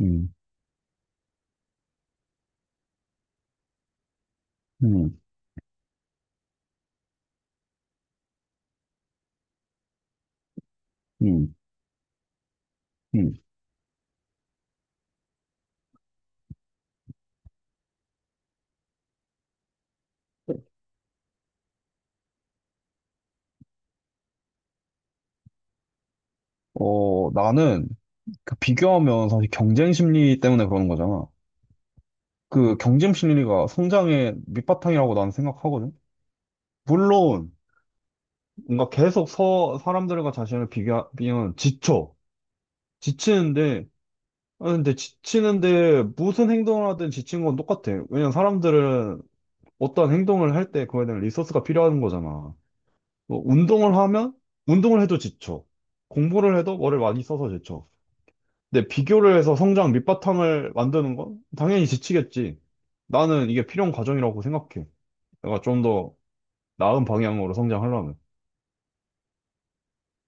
음, 음, 음, 음. 어, 나는 그 비교하면 사실 경쟁 심리 때문에 그러는 거잖아. 그 경쟁 심리가 성장의 밑바탕이라고 나는 생각하거든. 물론, 뭔가 계속 사람들과 자신을 비교하면 지쳐. 지치는데, 아, 근데 지치는데 무슨 행동을 하든 지친 건 똑같아. 왜냐면 사람들은 어떤 행동을 할 때 그거에 대한 리소스가 필요한 거잖아. 뭐 운동을 하면, 운동을 해도 지쳐. 공부를 해도 머리를 많이 써서 지쳐. 근데 비교를 해서 성장 밑바탕을 만드는 건 당연히 지치겠지. 나는 이게 필요한 과정이라고 생각해. 내가 좀 더 나은 방향으로 성장하려면.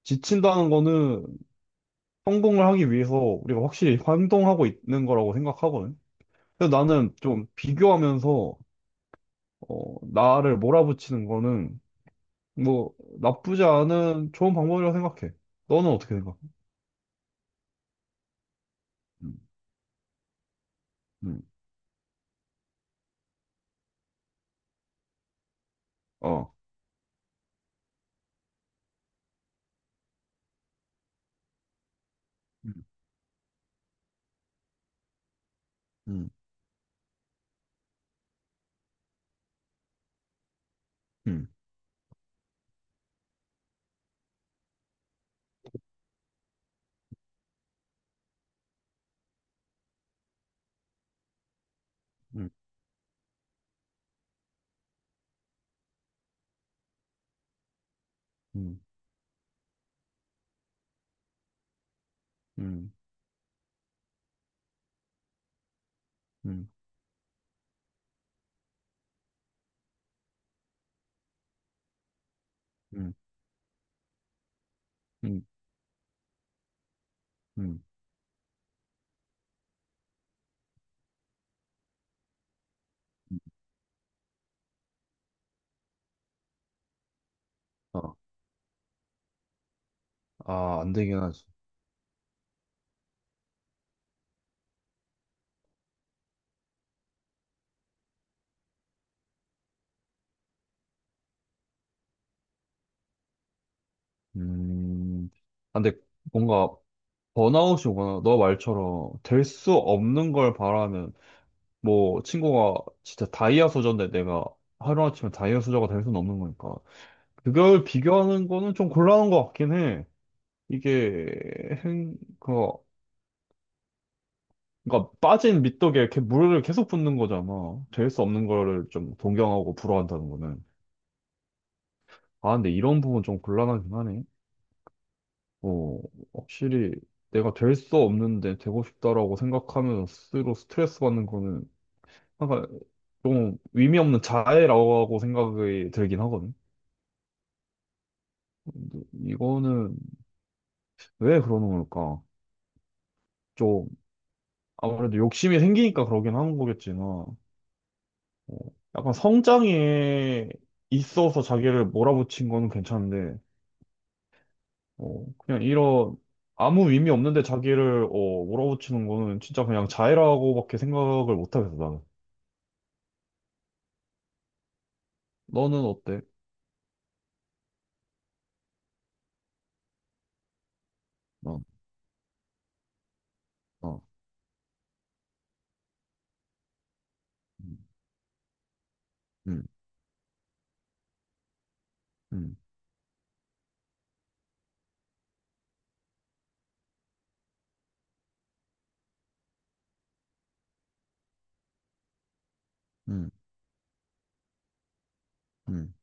지친다는 거는 성공을 하기 위해서 우리가 확실히 행동하고 있는 거라고 생각하거든. 그래서 나는 좀 비교하면서, 어, 나를 몰아붙이는 거는 뭐 나쁘지 않은 좋은 방법이라고 생각해. 너는 어떻게 생각해? 음, 음, 어. 음, 음, 음, 음, 음, 음, 음, 음, 음, 음. 음, 아, 안 되긴 하지. 음, 아, 근데 뭔가 번아웃이 오거나 너 말처럼 될 수 없는 걸 바라면 뭐 친구가 진짜 다이아 소저인데 내가 하루아침에 다이아 소저가 될 수는 없는 거니까 그걸 비교하는 거는 좀 곤란한 것 같긴 해. 이게 행, 그, 그러니까 빠진 미떡에 이렇게 물을 계속 붓는 거잖아. 될 수 없는 거를 좀 동경하고 부러워한다는 거는. 아, 근데 이런 부분 좀 곤란하긴 하네. 어, 확실히 내가 될 수 없는데 되고 싶다라고 생각하면서 스스로 스트레스 받는 거는 약간 좀 의미 없는 자해라고 생각이 들긴 하거든. 근데 이거는 왜 그러는 걸까? 좀 아무래도 욕심이 생기니까 그러긴 하는 거겠지만, 어, 약간 성장에 있어서 자기를 몰아붙인 거는 괜찮은데, 어, 그냥 이런 아무 의미 없는데 자기를 어, 몰아붙이는 거는 진짜 그냥 자해라고밖에 생각을 못 하겠어, 나는. 너는 어때? 어, 어, 음, 음, 음, 음. 음.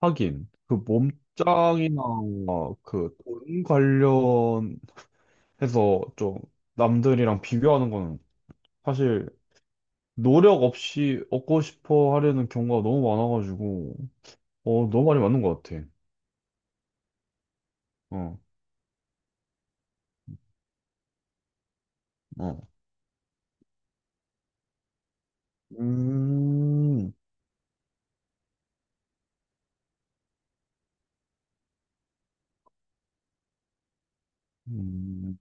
하긴, 그 몸짱이나 어, 그돈 관련해서 좀 남들이랑 비교하는 거는 사실 노력 없이 얻고 싶어 하려는 경우가 너무 많아가지고, 어, 너무 많이 맞는 것 같아. 어, 어. 음, 음,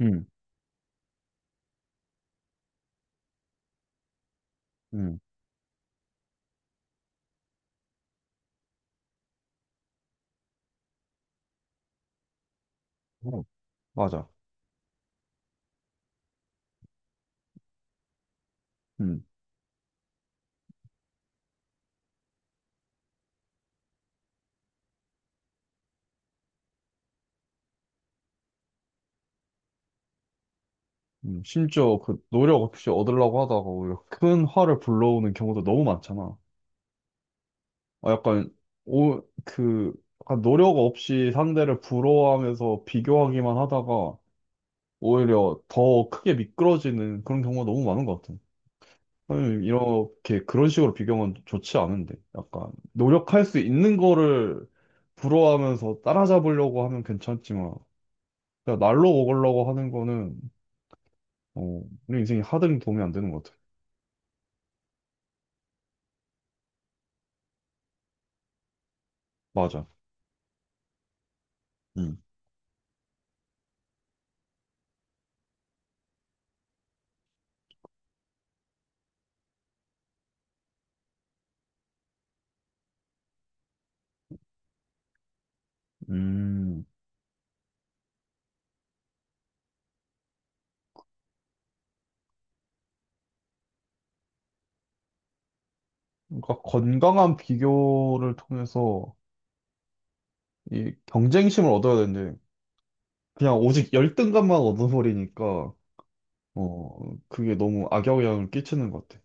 음, 음. 어, 맞아. 음, 심지어 그 노력 없이 얻으려고 하다가 오히려 큰 화를 불러오는 경우도 너무 많잖아. 어, 약간, 오, 그, 약간 노력 없이 상대를 부러워하면서 비교하기만 하다가 오히려 더 크게 미끄러지는 그런 경우가 너무 많은 것 같아요. 선생님, 이렇게 그런 식으로 비교하면 좋지 않은데. 약간, 노력할 수 있는 거를 부러워하면서 따라잡으려고 하면 괜찮지만, 그냥 날로 먹으려고 하는 거는, 어, 우리 인생이 하등 도움이 안 되는 것 같아요. 맞아. 음. 음. 그러니까 건강한 비교를 통해서 이 경쟁심을 얻어야 되는데 그냥 오직 열등감만 얻어버리니까 어 그게 너무 악영향을 끼치는 것 같아.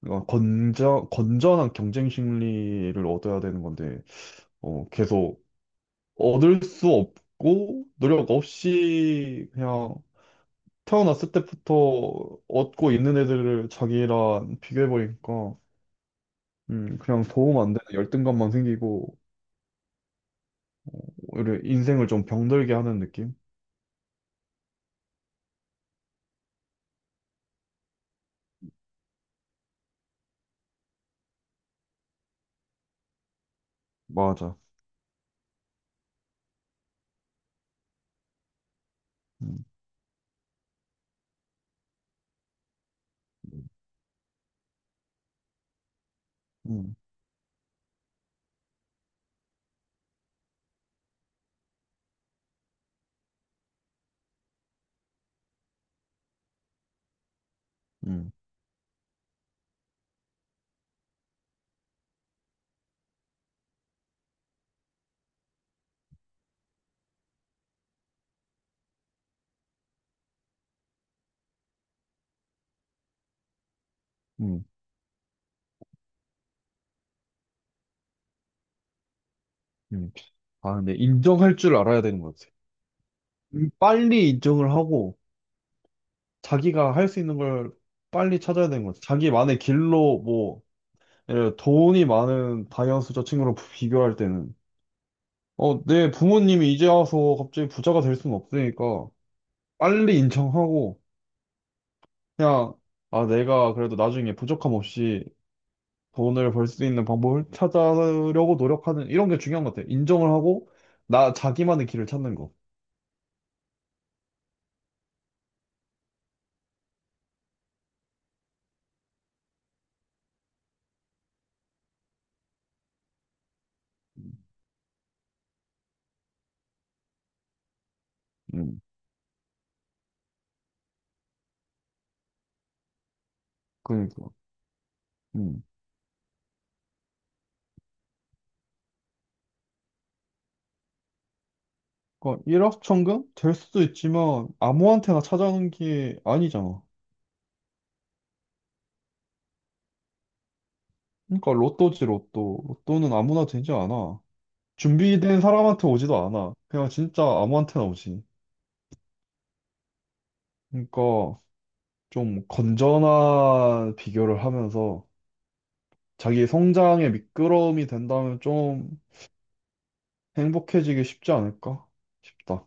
그러니까 건전한 경쟁 심리를 얻어야 되는 건데 어 계속 얻을 수 없고 노력 없이 그냥 태어났을 때부터 얻고 있는 애들을 자기랑 비교해버리니까 그냥 도움 안 되는 열등감만 생기고 어, 오히려 인생을 좀 병들게 하는 느낌? 맞아. 음, 음, 음. 음. 음. 음. 아, 근데 인정할 줄 알아야 되는 것 같아. 빨리 인정을 하고 자기가 할 수 있는 걸 빨리 찾아야 되는 것 같아. 자기만의 길로 뭐 예를 들어 돈이 많은 다이언스 저 친구랑 비교할 때는 어, 내 부모님이 이제 와서 갑자기 부자가 될 수는 없으니까 빨리 인정하고 그냥 아, 내가 그래도 나중에 부족함 없이 돈을 벌 수 있는 방법을 찾으려고 노력하는 이런 게 중요한 것 같아. 인정을 하고 나 자기만의 길을 찾는 거. 음, 그러니까. 음. 그러니까 일확천금? 될 수도 있지만 아무한테나 찾아오는 게 아니잖아. 그러니까 로또지 로또. 로또는 아무나 되지 않아. 준비된 사람한테 오지도 않아. 그냥 진짜 아무한테나 오지. 그러니까 좀 건전한 비교를 하면서 자기 성장의 미끄러움이 된다면 좀 행복해지기 쉽지 않을까 싶다.